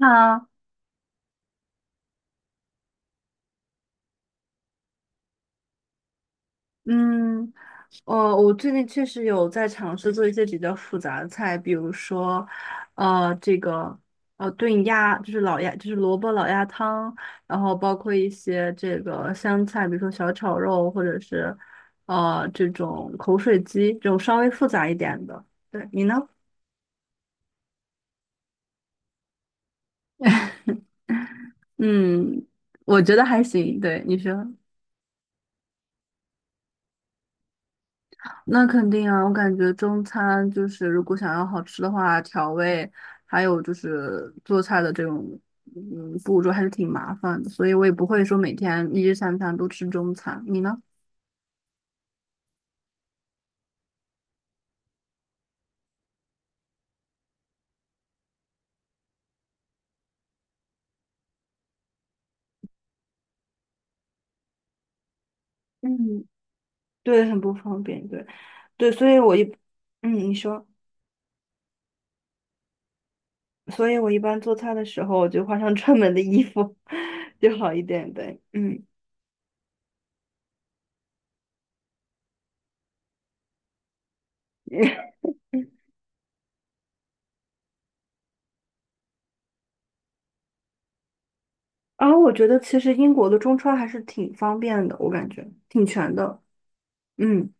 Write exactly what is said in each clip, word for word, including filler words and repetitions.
啊，嗯，呃，我最近确实有在尝试做一些比较复杂的菜，比如说，呃，这个呃炖鸭，就是老鸭，就是萝卜老鸭汤，然后包括一些这个湘菜，比如说小炒肉，或者是呃这种口水鸡，这种稍微复杂一点的。对，你呢？嗯，我觉得还行。对，你说。那肯定啊，我感觉中餐就是如果想要好吃的话，调味还有就是做菜的这种嗯步骤还是挺麻烦的，所以我也不会说每天一日三餐都吃中餐。你呢？嗯，对，很不方便，对，对，所以我一，嗯，你说，所以我一般做菜的时候，我就换上专门的衣服 就好一点，呗。嗯，然后我觉得其实英国的中餐还是挺方便的，我感觉挺全的，嗯。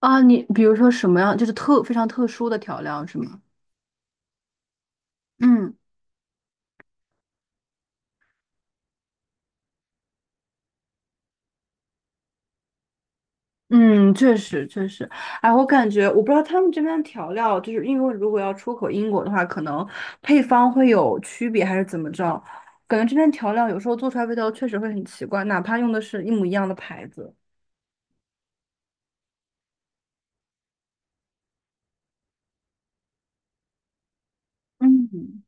啊，你比如说什么样，就是特非常特殊的调料是吗？嗯，嗯，确实确实，哎，我感觉我不知道他们这边的调料，就是因为如果要出口英国的话，可能配方会有区别还是怎么着？感觉这边调料有时候做出来味道确实会很奇怪，哪怕用的是一模一样的牌子。嗯，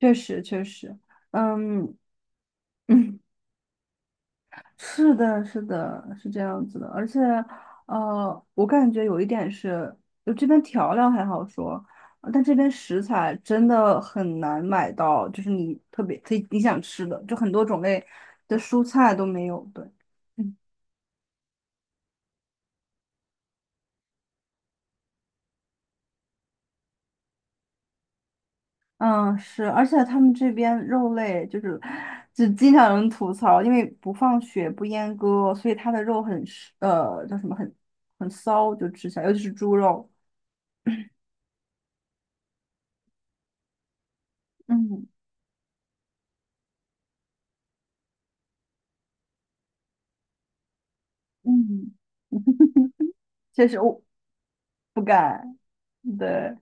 确实确实，嗯 嗯，是的，是的，是这样子的，而且，呃，我感觉有一点是，就这边调料还好说，呃但这边食材真的很难买到，就是你特别可以你想吃的，就很多种类的蔬菜都没有。对，嗯，嗯是，而且他们这边肉类就是，就经常有人吐槽，因为不放血不阉割，所以它的肉很是呃，叫什么很很骚，就吃起来，尤其是猪肉。嗯嗯，确实，我不敢，对，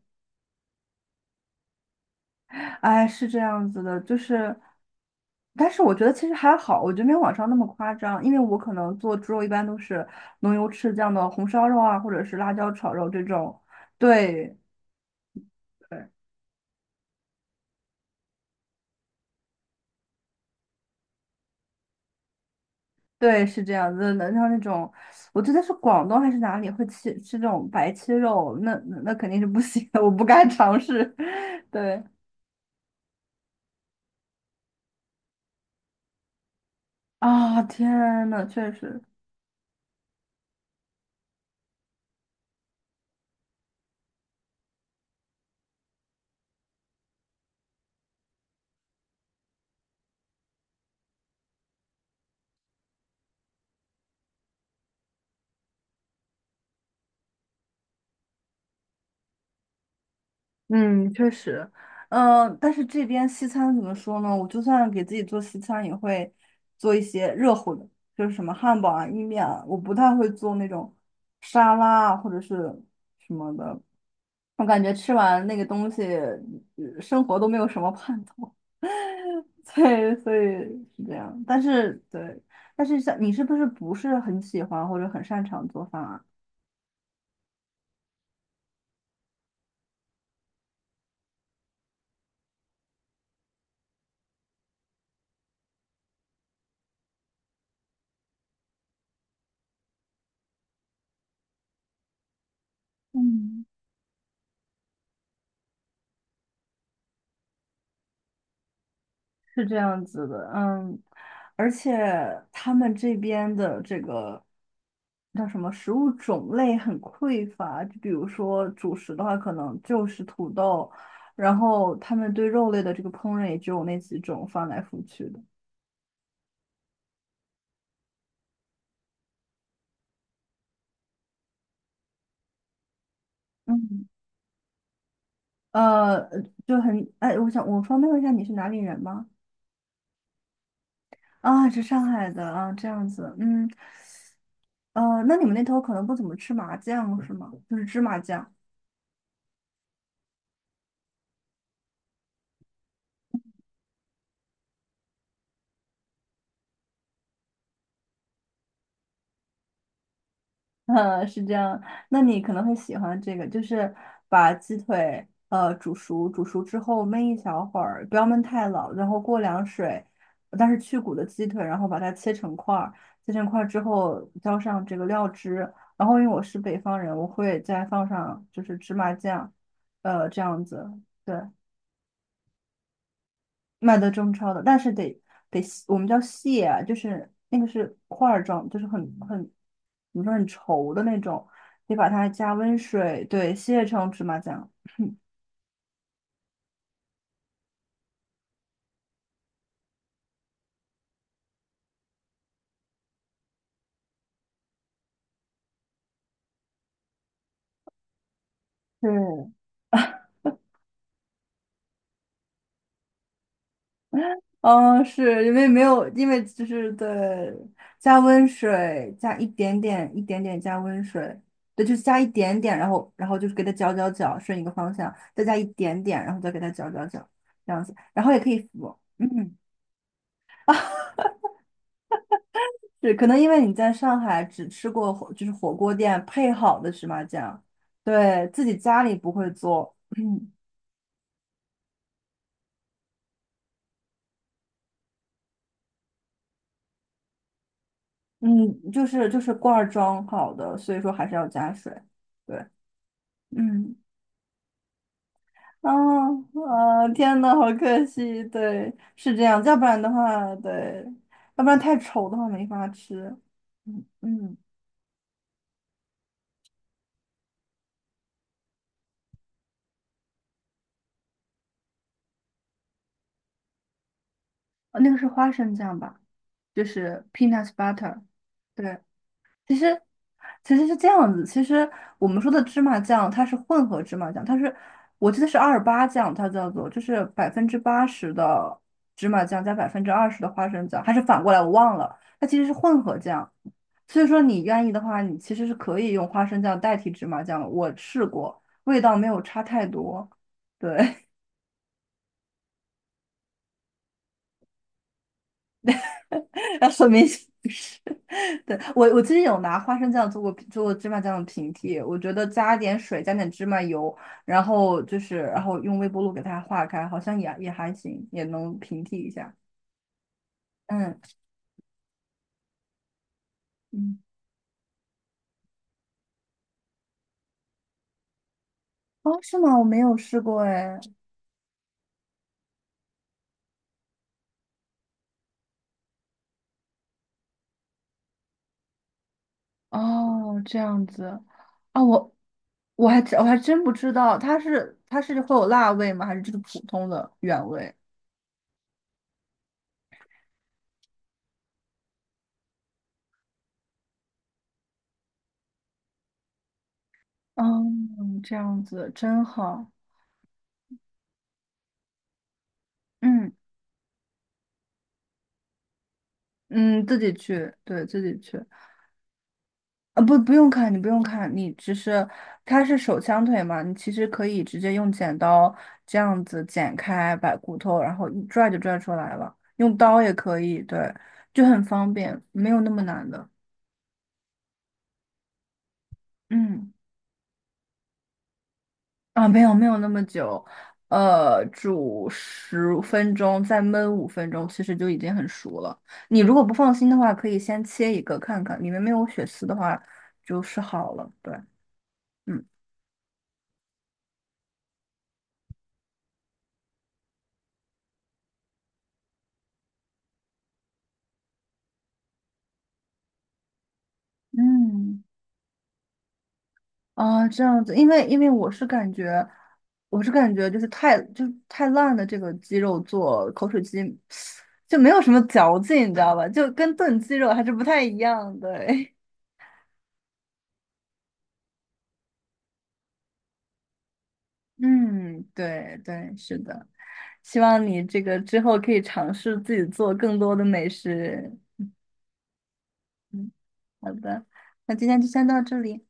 哎，是这样子的，就是，但是我觉得其实还好，我觉得没有网上那么夸张，因为我可能做猪肉一般都是浓油赤酱的红烧肉啊，或者是辣椒炒肉这种，对，对，对，是这样子的。像那种，我记得是广东还是哪里会吃吃这种白切肉，那那那肯定是不行的，我不敢尝试。对，啊，天呐，确实。嗯，确实，嗯，但是这边西餐怎么说呢？我就算给自己做西餐，也会做一些热乎的，就是什么汉堡啊、意面啊，我不太会做那种沙拉啊或者是什么的。我感觉吃完那个东西，呃生活都没有什么盼头。对，所以是这样。但是对，但是像你是不是不是很喜欢或者很擅长做饭啊？嗯。是这样子的，嗯，而且他们这边的这个叫什么食物种类很匮乏，就比如说主食的话，可能就是土豆，然后他们对肉类的这个烹饪也只有那几种，翻来覆去的。嗯，呃，就很，哎，我想我方便问一下你是哪里人吗？啊，是上海的啊，这样子，嗯，呃，那你们那头可能不怎么吃麻酱是吗？就是芝麻酱。嗯，是这样。那你可能会喜欢这个，就是把鸡腿呃煮熟，煮熟之后焖一小会儿，不要焖太老，然后过凉水，但是去骨的鸡腿，然后把它切成块儿，切成块儿之后浇上这个料汁，然后因为我是北方人，我会再放上就是芝麻酱，呃，这样子。对。卖的中超的，但是得得细我们叫蟹啊，就是那个是块儿状，就是很很怎么说很稠的那种，得把它加温水，对，蟹成芝麻酱。对，嗯，是因为没有，因为就是对，加温水，加一点点，一点点加温水，对，就是加一点点，然后然后就是给它搅搅搅，顺一个方向，再加一点点，然后再给它搅搅搅，这样子，然后也可以敷，嗯。对，可能因为你在上海只吃过火，就是火锅店配好的芝麻酱，对，自己家里不会做，嗯，就是就是罐儿装好的，所以说还是要加水，对，嗯，啊啊，天呐，好可惜，对，是这样，要不然的话，对，要不然太稠的话没法吃，嗯嗯，啊那个是花生酱吧，就是 peanut butter,对。其实其实是这样子，其实我们说的芝麻酱，它是混合芝麻酱，它是我记得是二八酱，它叫做就是百分之八十的芝麻酱加百分之二十的花生酱，还是反过来我忘了，它其实是混合酱。所以说你愿意的话，你其实是可以用花生酱代替芝麻酱的我试过，味道没有差太多。对，那说明显。是。对，我我之前有拿花生酱做过做过芝麻酱的平替，我觉得加点水，加点芝麻油，然后就是然后用微波炉给它化开，好像也也还行，也能平替一下。嗯嗯，哦，是吗？我没有试过哎。哦，这样子，啊，我我还真我还真不知道，它是它是会有辣味吗？还是就是普通的原味？嗯，这样子真好，嗯嗯，自己去，对自己去。啊，不，不用看，你不用看，你只是它是手枪腿嘛，你其实可以直接用剪刀这样子剪开，把骨头然后一拽就拽出来了，用刀也可以，对，就很方便，没有那么难的。嗯，啊，没有没有那么久，呃，煮十分钟，再焖五分钟，其实就已经很熟了。你如果不放心的话，可以先切一个看看，里面没有血丝的话，就是好了。对，嗯。嗯。啊，这样子，因为因为我是感觉，我是感觉就是太就是太烂的这个鸡肉做口水鸡，就没有什么嚼劲，你知道吧？就跟炖鸡肉还是不太一样对，嗯，对对，是的，希望你这个之后可以尝试自己做更多的美食。嗯，好的，那今天就先到这里。